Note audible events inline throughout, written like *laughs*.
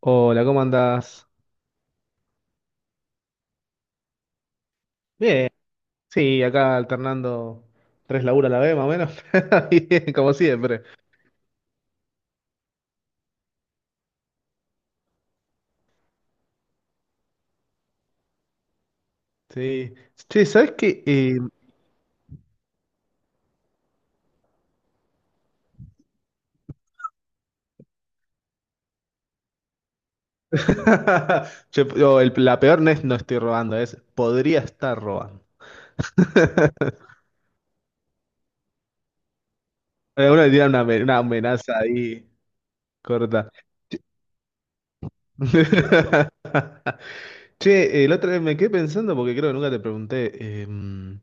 Hola, ¿cómo andás? Bien, sí, acá alternando tres laburos a la vez, más o menos. *laughs* Bien, como siempre. Sí. Che, ¿sabés qué? *laughs* Che, no, la peor no es "no estoy robando", es "podría estar robando". *laughs* Uno le tira una, una amenaza ahí corta. *laughs* Che, el otro día me quedé pensando porque creo que nunca te pregunté.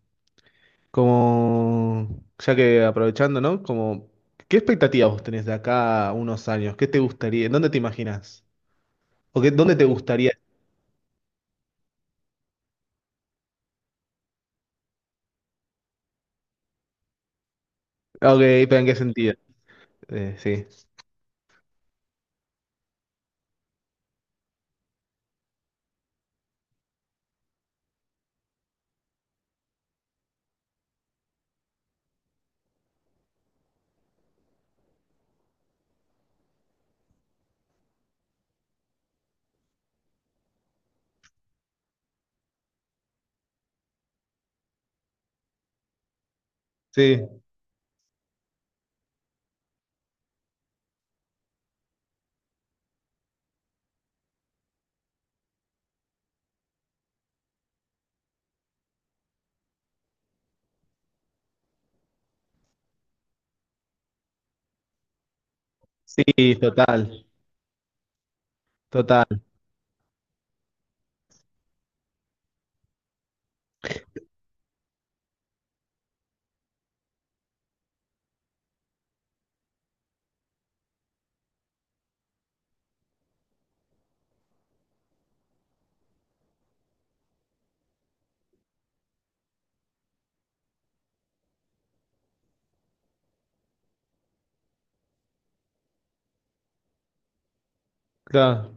Como, ya que aprovechando, ¿no? Como, ¿qué expectativas vos tenés de acá a unos años? ¿Qué te gustaría? ¿En ¿Dónde te imaginas? ¿O qué, dónde te gustaría? Ah, ok, pero ¿en qué sentido? Sí, sí, sí, total, total, claro.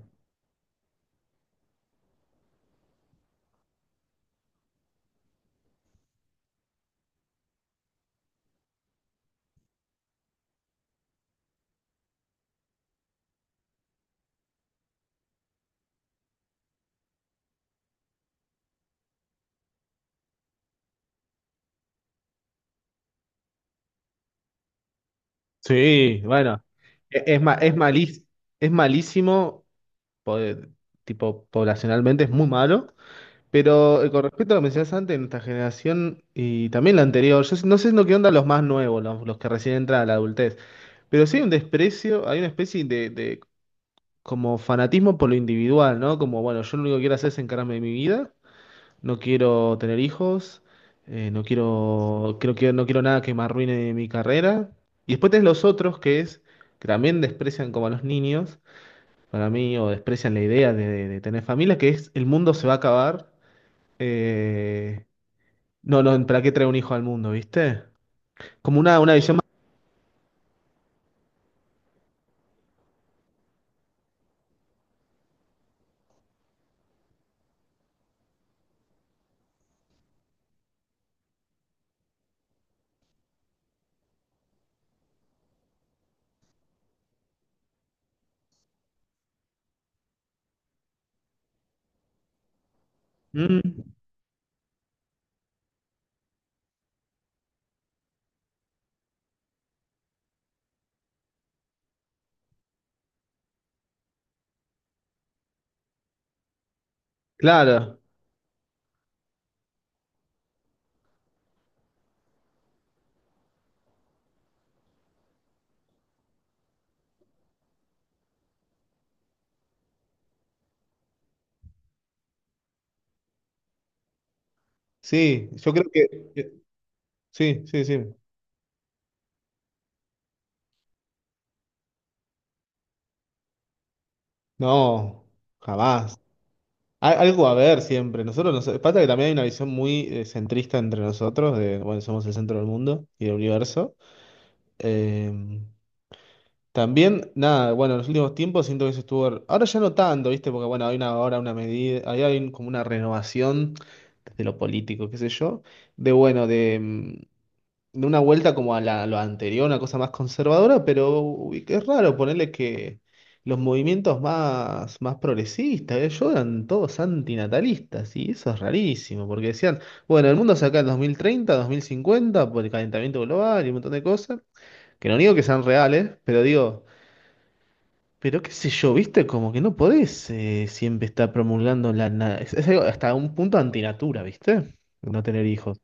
Sí, bueno, e- es, ma- es, malís- es malísimo, po- eh, tipo, poblacionalmente es muy malo. Pero con respecto a lo que mencionaste antes, nuestra generación y también la anterior, yo no sé no qué onda los más nuevos, los que recién entran a la adultez, pero sí hay un desprecio, hay una especie de como fanatismo por lo individual, ¿no? Como, bueno, yo lo único que quiero hacer es encargarme de mi vida, no quiero tener hijos, no quiero, creo que no quiero nada que me arruine mi carrera. Y después tenés los otros que es, que también desprecian como a los niños, para mí, o desprecian la idea de tener familia, que es el mundo se va a acabar. eh, no, ¿para qué trae un hijo al mundo, viste? Como una visión más... Mm, claro, sí, yo creo que... Sí, sí, sí. No, jamás. Hay algo a ver siempre. Nosotros nos... Pasa que también hay una visión muy centrista entre nosotros, de, bueno, somos el centro del mundo y del universo. Eh, también, nada, bueno, en los últimos tiempos siento que eso estuvo... Ahora ya no tanto, viste, porque bueno, hay una ahora una medida, ahí hay como una renovación desde lo político, qué sé yo, de bueno, de... de una vuelta como a la, lo anterior, una cosa más conservadora, pero uy, es raro ponerle que los movimientos más progresistas, yo eran todos antinatalistas, y eso es rarísimo, porque decían, bueno, el mundo se acaba en 2030, 2050 por el calentamiento global y un montón de cosas, que no digo que sean reales, pero digo... Pero qué sé yo, viste, como que no podés siempre estar promulgando la... es algo hasta un punto antinatura, viste, no tener hijos.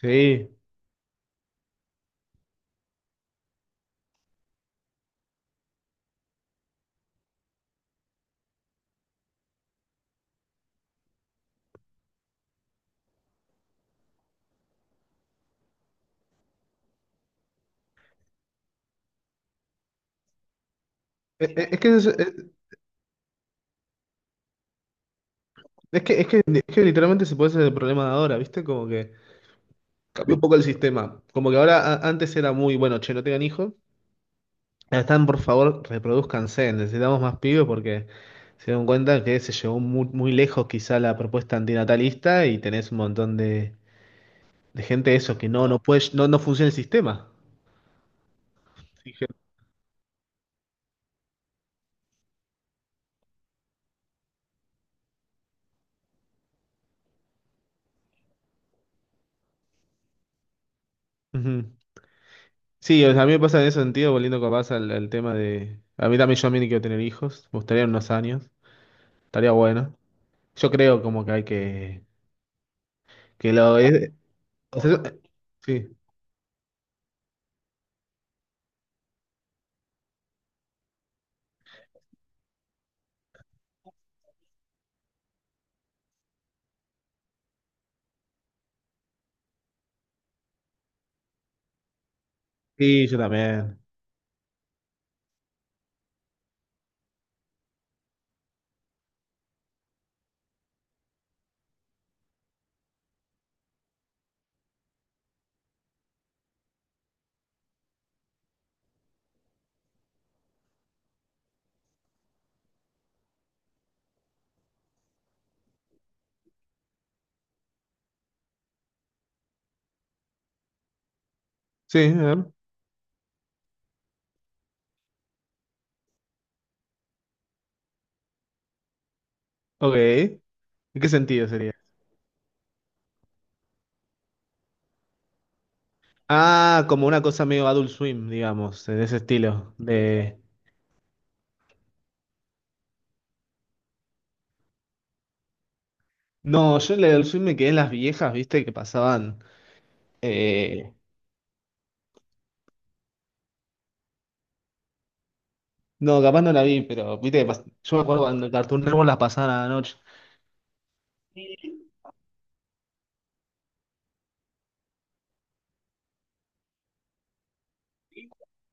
Sí. Es, es- es que es, Es que, es que literalmente se puede hacer el problema de ahora, ¿viste? Como que cambió un poco el sistema. Como que ahora antes era muy, bueno, che, no tengan hijos. Ahora están, por favor, reproduzcanse. Necesitamos más pibes porque se dan cuenta que se llevó muy, muy lejos quizá la propuesta antinatalista y tenés un montón de gente eso que no, no puede, no, no funciona el sistema. Ujú. Sí, o sea, a mí me pasa en ese sentido, volviendo capaz al, al tema de... A mí también, yo a mí ni quiero tener hijos, me gustaría en unos años, estaría bueno. Yo creo como que hay que... Que lo es. O sí, sí, yo también. Sí, a ver. Ok. ¿En qué sentido sería? Ah, como una cosa medio Adult Swim, digamos, en ese estilo. De... No, yo en el Adult Swim me quedé en las viejas, viste, que pasaban. eh, No, capaz no la vi, pero viste que yo me acuerdo cuando el Cartoon Network las pasaban a la noche.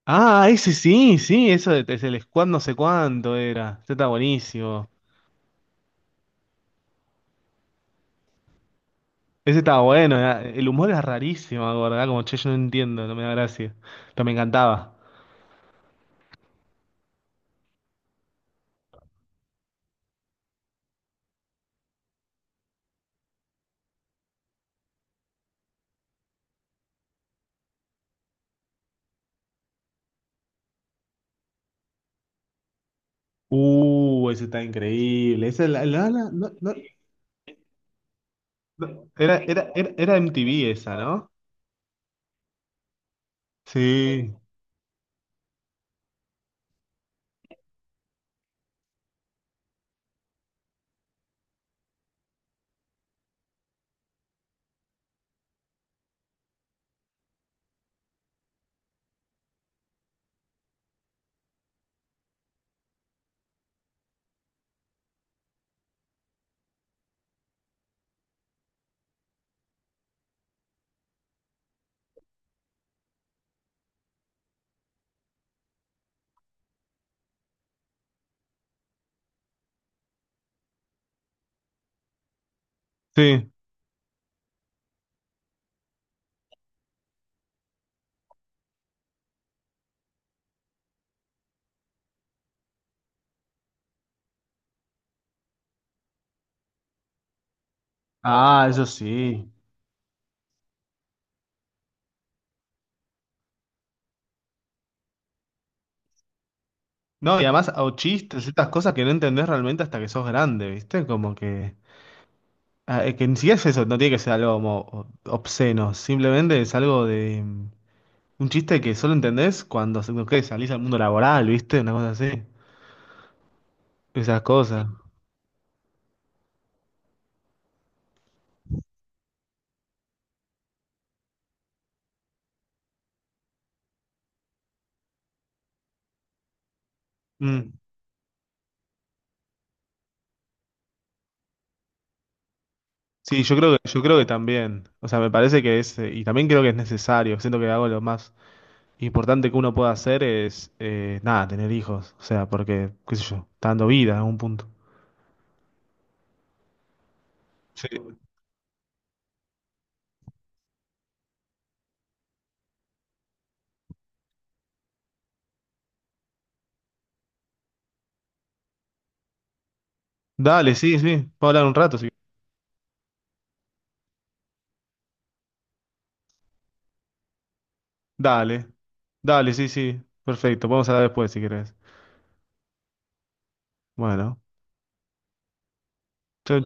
Ah, ese sí, sí, eso de es el Squad no sé cuánto era. Ese está buenísimo. Ese estaba bueno, era- el humor era rarísimo, ¿verdad? Como che, yo no entiendo, no me da gracia. Pero me encantaba. Ese está increíble. Esa la, la- la- no- no- no. Era MTV esa, ¿no? Sí, sí. Ah, eso sí. No, y además, o chistes, estas cosas que no entendés realmente hasta que sos grande, ¿viste? Como que. Que ni siquiera es eso, no tiene que ser algo como obsceno. Simplemente es algo de. Un chiste que solo entendés cuando no sé, salís al mundo laboral, ¿viste? Una cosa así. Esas cosas. Mm. Sí, yo creo que también. O sea, me parece que es, y también creo que es necesario. Siento que algo de lo más importante que uno puede hacer es, nada, tener hijos. O sea, porque, qué sé yo, está dando vida a un punto. Sí. Dale, sí, sí. Puedo hablar un rato, sí. Dale. Dale, sí, sí. Perfecto. Vamos a hablar después si querés. Bueno. Chau,